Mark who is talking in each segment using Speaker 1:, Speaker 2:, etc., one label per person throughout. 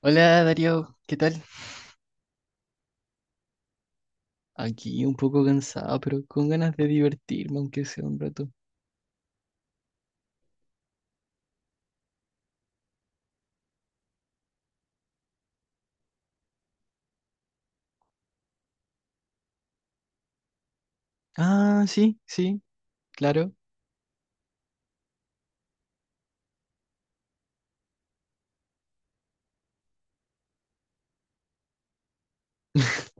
Speaker 1: Hola Darío, ¿qué tal? Aquí un poco cansado, pero con ganas de divertirme, aunque sea un rato. Ah, sí, sí, claro.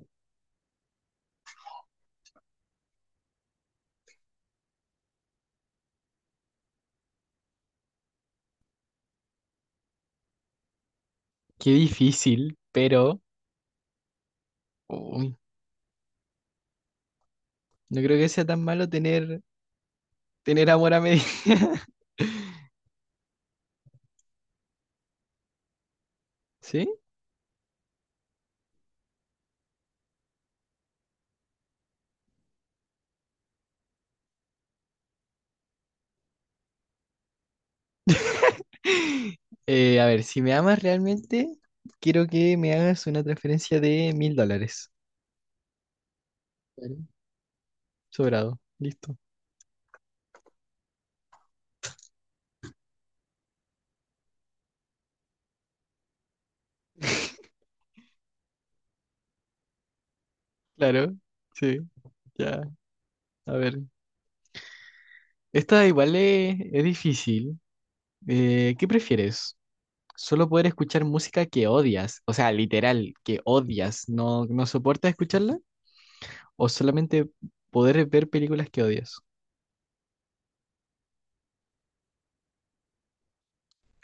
Speaker 1: Qué difícil, pero uy, no creo que sea tan malo tener amor a medida. ¿Sí? A ver, si me amas realmente, quiero que me hagas una transferencia de $1000. Claro. Sobrado, listo. Claro, sí, ya. A ver, esta igual es difícil. ¿qué prefieres? ¿Solo poder escuchar música que odias? O sea, literal, que odias, ¿no, no soportas escucharla? ¿O solamente poder ver películas que odias?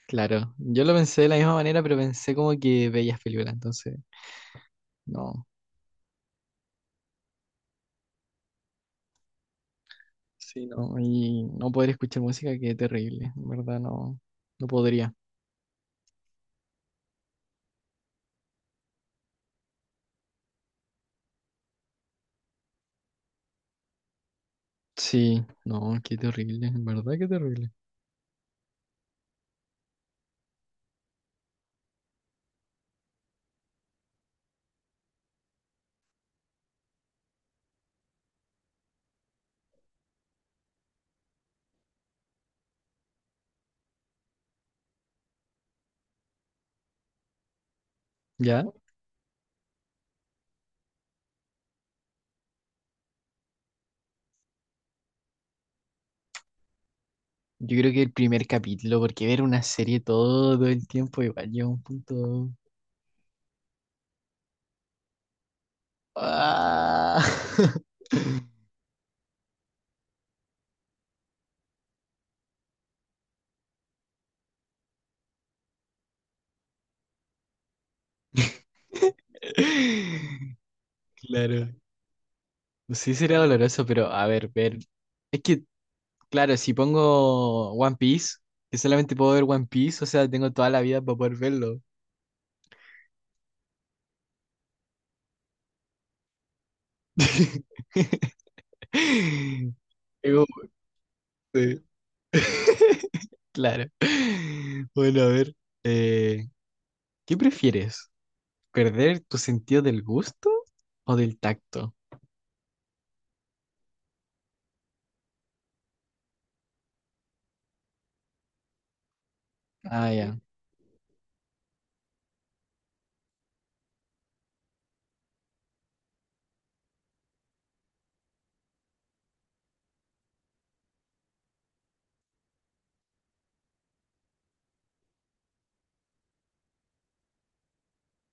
Speaker 1: Claro, yo lo pensé de la misma manera, pero pensé como que veías películas, entonces, no. Sí, no. no, y no poder escuchar música, qué terrible, en verdad, no, no podría. Sí, no, qué terrible, en verdad, qué terrible. Ya, yo creo que el primer capítulo, porque ver una serie todo el tiempo igual llega a un punto. Ah. Claro. Sí, sería doloroso, pero a ver, ver. Es que, claro, si pongo One Piece, que solamente puedo ver One Piece, o sea, tengo toda la vida para poder verlo. Es como, sí. Claro. Bueno, a ver. eh, ¿qué prefieres? ¿Perder tu sentido del gusto o del tacto? Ah, ya,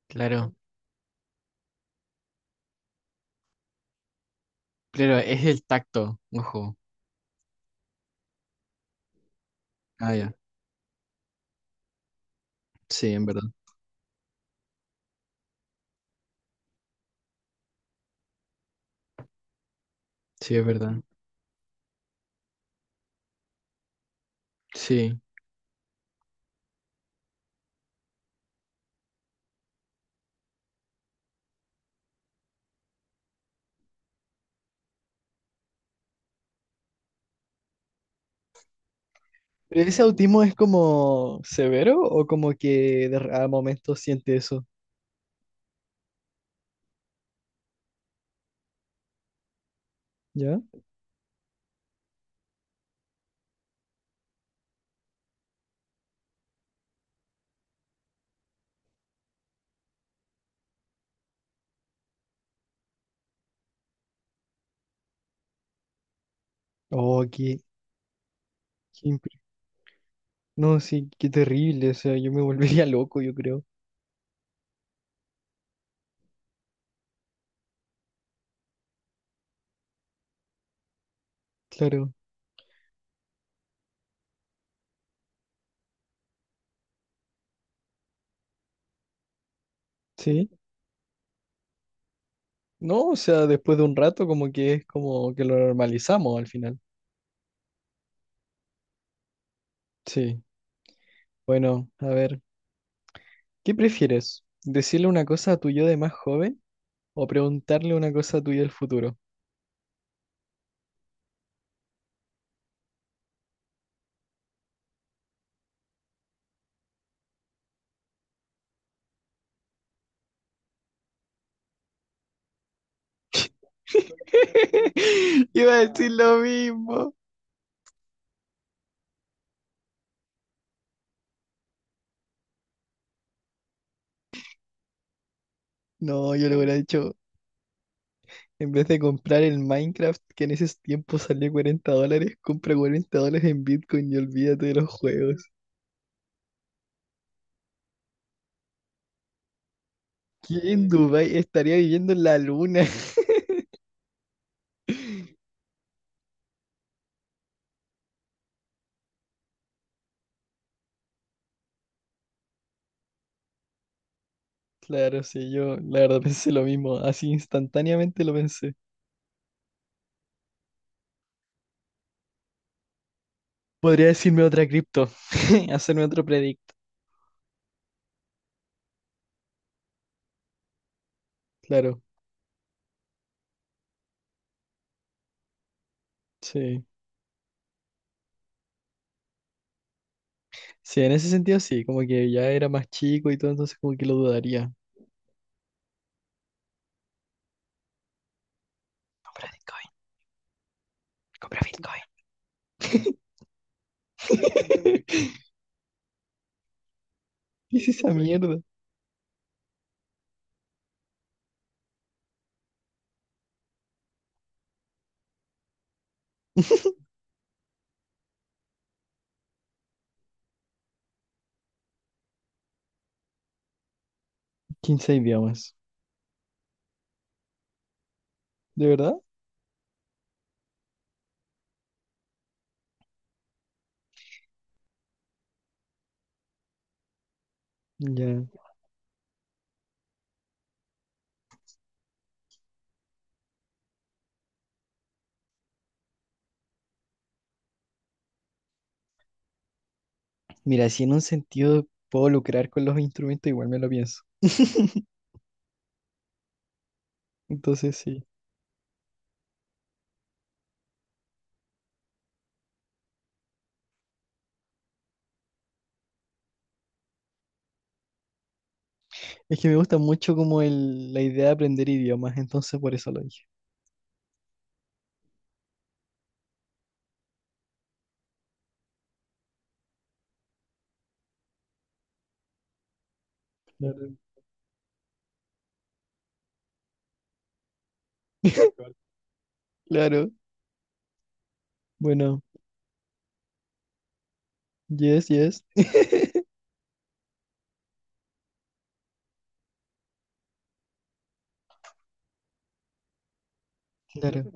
Speaker 1: claro. Claro, es el tacto, ojo. Ah, ya. Sí, en verdad. Sí, es verdad. Sí. ¿Pero ese autismo es como severo o como que de, a momentos siente eso? ¿Ya? Oh, qué, qué impre- no, sí, qué terrible. O sea, yo me volvería loco, yo creo. Claro. Sí. No, o sea, después de un rato como que es como que lo normalizamos al final. Sí. Bueno, a ver, ¿qué prefieres? ¿Decirle una cosa a tu yo de más joven o preguntarle una cosa a tu yo del futuro? Iba a decir lo mismo. No, yo lo hubiera hecho. En vez de comprar el Minecraft, que en esos tiempos salió $40, compra $40 en Bitcoin y olvídate de los juegos. ¿Quién en Dubái estaría viviendo en la luna? Claro, sí, yo la verdad pensé lo mismo. Así instantáneamente lo pensé. Podría decirme otra cripto, hacerme otro predict. Claro, sí. Sí, en ese sentido sí, como que ya era más chico y todo, entonces como que lo dudaría. Compra Bitcoin, compra Bitcoin. ¿Qué es esa mierda? 15 idiomas. ¿De verdad? Ya. Mira, si en un sentido puedo lucrar con los instrumentos, igual me lo pienso. Entonces sí. Es que me gusta mucho como la idea de aprender idiomas, entonces por eso lo dije. Claro. Claro. Bueno, yes, yes. Claro.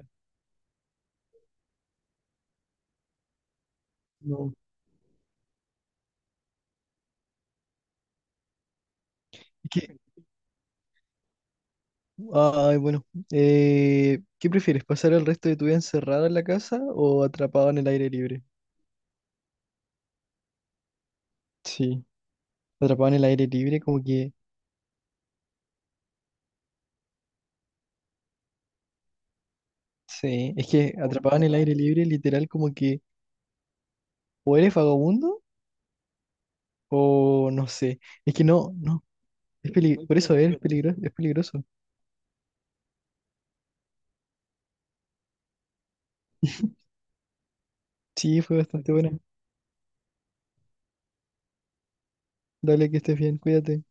Speaker 1: No. Es que, ay, bueno. ¿qué prefieres? ¿Pasar el resto de tu vida encerrado en la casa o atrapado en el aire libre? Sí. Atrapado en el aire libre, como que. Sí, es que atrapado en el aire libre, literal, como que o eres vagabundo o no sé. Es que no, no, es muy por eso es peligroso, peligroso, es peligroso. Sí, fue bastante. Aquí sí, buena. Dale, que estés bien, cuídate.